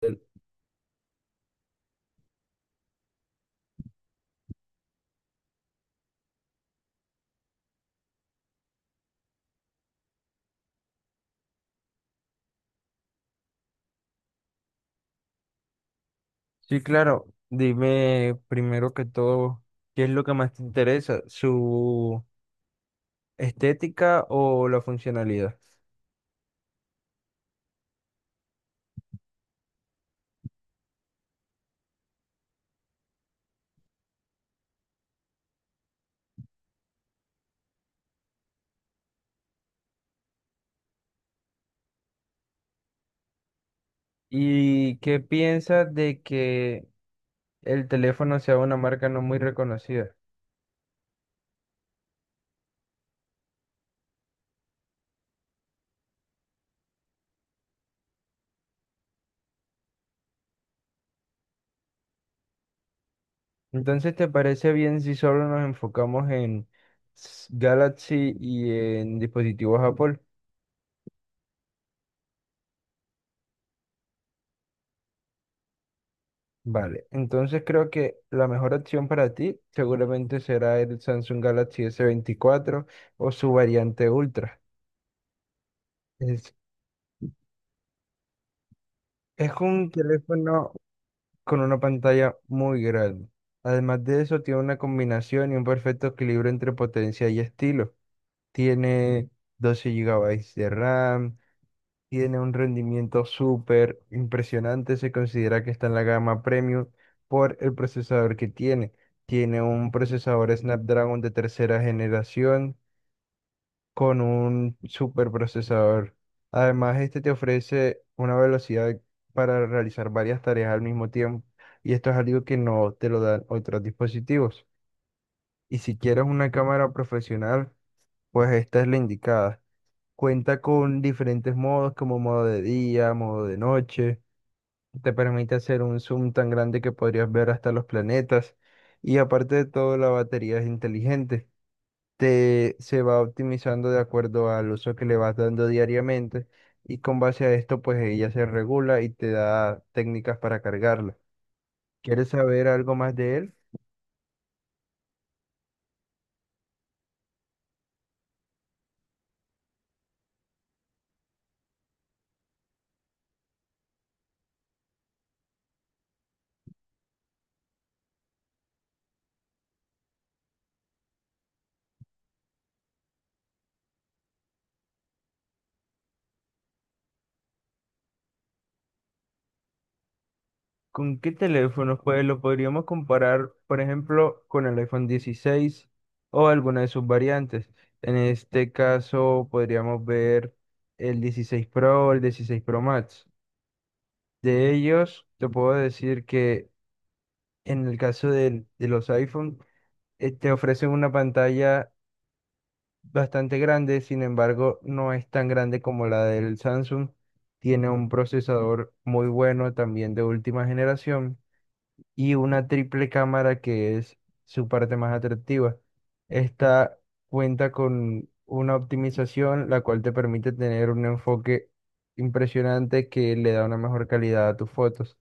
Sí, claro. Dime primero que todo, ¿qué es lo que más te interesa? ¿Su estética o la funcionalidad? ¿Y qué piensas de que el teléfono sea una marca no muy reconocida? Entonces, ¿te parece bien si solo nos enfocamos en Galaxy y en dispositivos Apple? Vale, entonces creo que la mejor opción para ti seguramente será el Samsung Galaxy S24 o su variante Ultra. Es un teléfono con una pantalla muy grande. Además de eso, tiene una combinación y un perfecto equilibrio entre potencia y estilo. Tiene 12 gigabytes de RAM, tiene un rendimiento súper impresionante. Se considera que está en la gama premium por el procesador que tiene. Tiene un procesador Snapdragon de tercera generación con un superprocesador. Además, este te ofrece una velocidad para realizar varias tareas al mismo tiempo y esto es algo que no te lo dan otros dispositivos. Y si quieres una cámara profesional, pues esta es la indicada. Cuenta con diferentes modos como modo de día, modo de noche. Te permite hacer un zoom tan grande que podrías ver hasta los planetas. Y aparte de todo, la batería es inteligente se va optimizando de acuerdo al uso que le vas dando diariamente y con base a esto pues ella se regula y te da técnicas para cargarla. ¿Quieres saber algo más de él? ¿Con qué teléfonos? Pues lo podríamos comparar, por ejemplo, con el iPhone 16 o alguna de sus variantes. En este caso podríamos ver el 16 Pro o el 16 Pro Max. De ellos, te puedo decir que en el caso de los iPhone, te ofrecen una pantalla bastante grande, sin embargo, no es tan grande como la del Samsung. Tiene un procesador muy bueno, también de última generación, y una triple cámara que es su parte más atractiva. Esta cuenta con una optimización, la cual te permite tener un enfoque impresionante que le da una mejor calidad a tus fotos.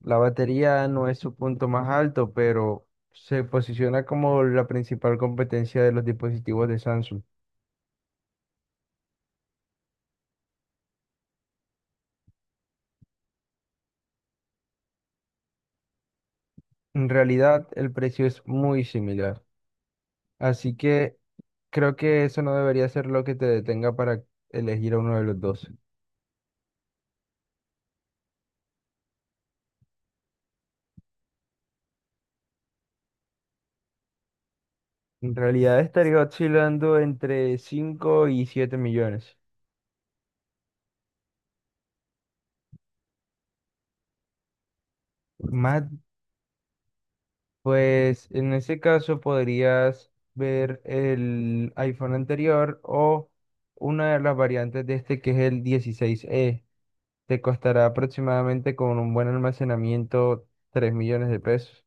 La batería no es su punto más alto, pero se posiciona como la principal competencia de los dispositivos de Samsung. En realidad, el precio es muy similar, así que creo que eso no debería ser lo que te detenga para elegir a uno de los dos. En realidad estaría oscilando entre 5 y 7 millones. Más Pues en ese caso podrías ver el iPhone anterior o una de las variantes de este que es el 16E. Te costará aproximadamente con un buen almacenamiento 3 millones de pesos.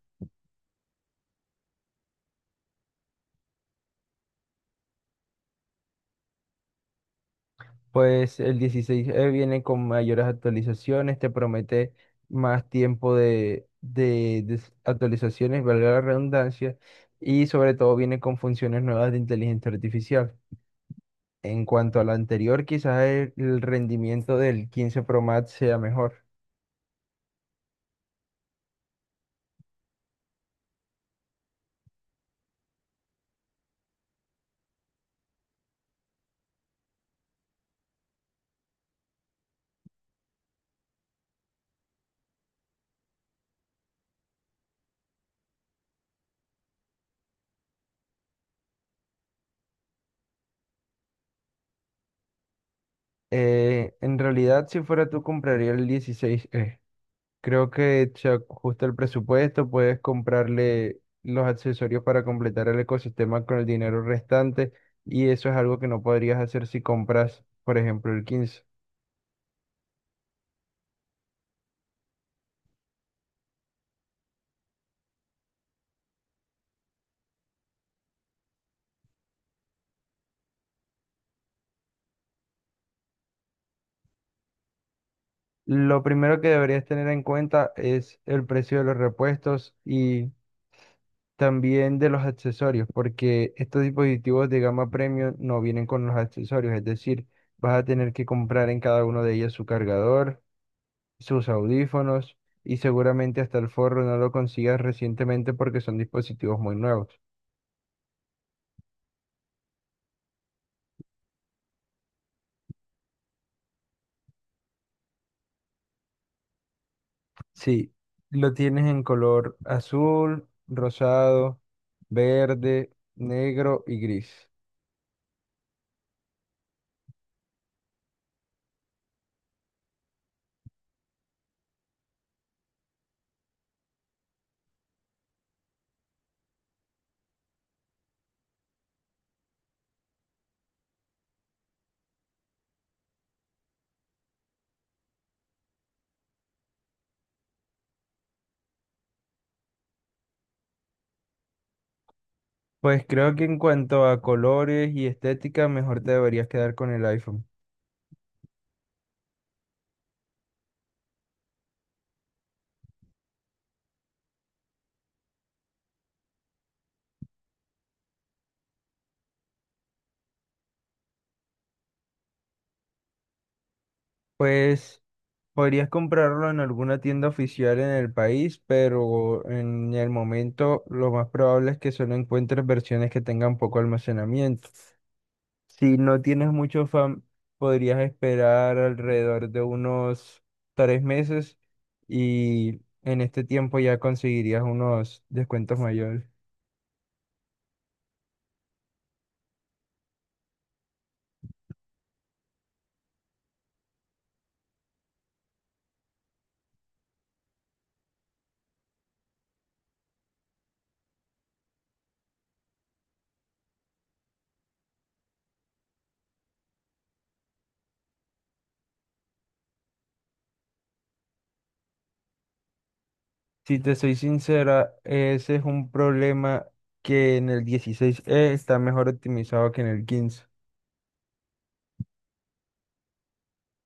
Pues el 16E viene con mayores actualizaciones, te promete más tiempo de actualizaciones, valga la redundancia, y sobre todo viene con funciones nuevas de inteligencia artificial. En cuanto a lo anterior, quizás el rendimiento del 15 Pro Max sea mejor. En realidad, si fuera tú, compraría el 16e Creo que se ajusta el presupuesto, puedes comprarle los accesorios para completar el ecosistema con el dinero restante y eso es algo que no podrías hacer si compras, por ejemplo, el 15. Lo primero que deberías tener en cuenta es el precio de los repuestos y también de los accesorios, porque estos dispositivos de gama premium no vienen con los accesorios, es decir, vas a tener que comprar en cada uno de ellos su cargador, sus audífonos y seguramente hasta el forro no lo consigas recientemente porque son dispositivos muy nuevos. Sí, lo tienes en color azul, rosado, verde, negro y gris. Pues creo que en cuanto a colores y estética, mejor te deberías quedar con el iPhone. Pues podrías comprarlo en alguna tienda oficial en el país, pero en el momento lo más probable es que solo encuentres versiones que tengan poco almacenamiento. Si no tienes mucho fan, podrías esperar alrededor de unos 3 meses y en este tiempo ya conseguirías unos descuentos mayores. Si te soy sincera, ese es un problema que en el dieciséis e está mejor optimizado que en el 15.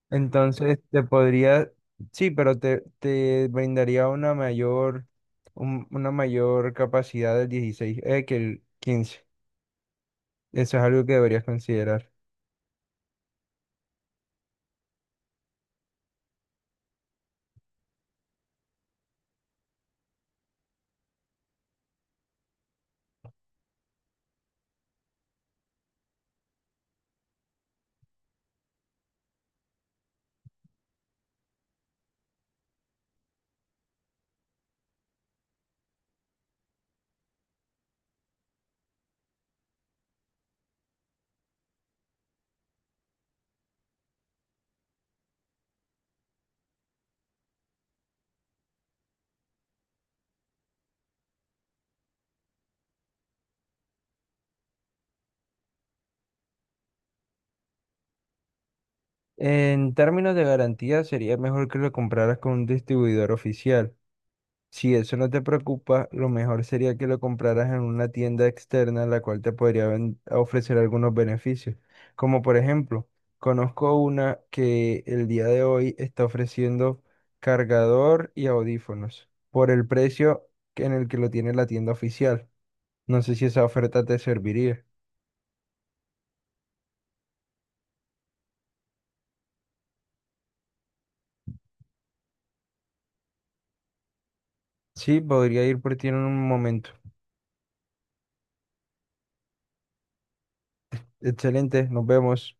Entonces te podría, sí, pero te brindaría una mayor, una mayor capacidad del 16e, que el 15. Eso es algo que deberías considerar. En términos de garantía, sería mejor que lo compraras con un distribuidor oficial. Si eso no te preocupa, lo mejor sería que lo compraras en una tienda externa, la cual te podría ofrecer algunos beneficios. Como por ejemplo, conozco una que el día de hoy está ofreciendo cargador y audífonos por el precio en el que lo tiene la tienda oficial. No sé si esa oferta te serviría. Sí, podría ir por ti en un momento. Excelente, nos vemos.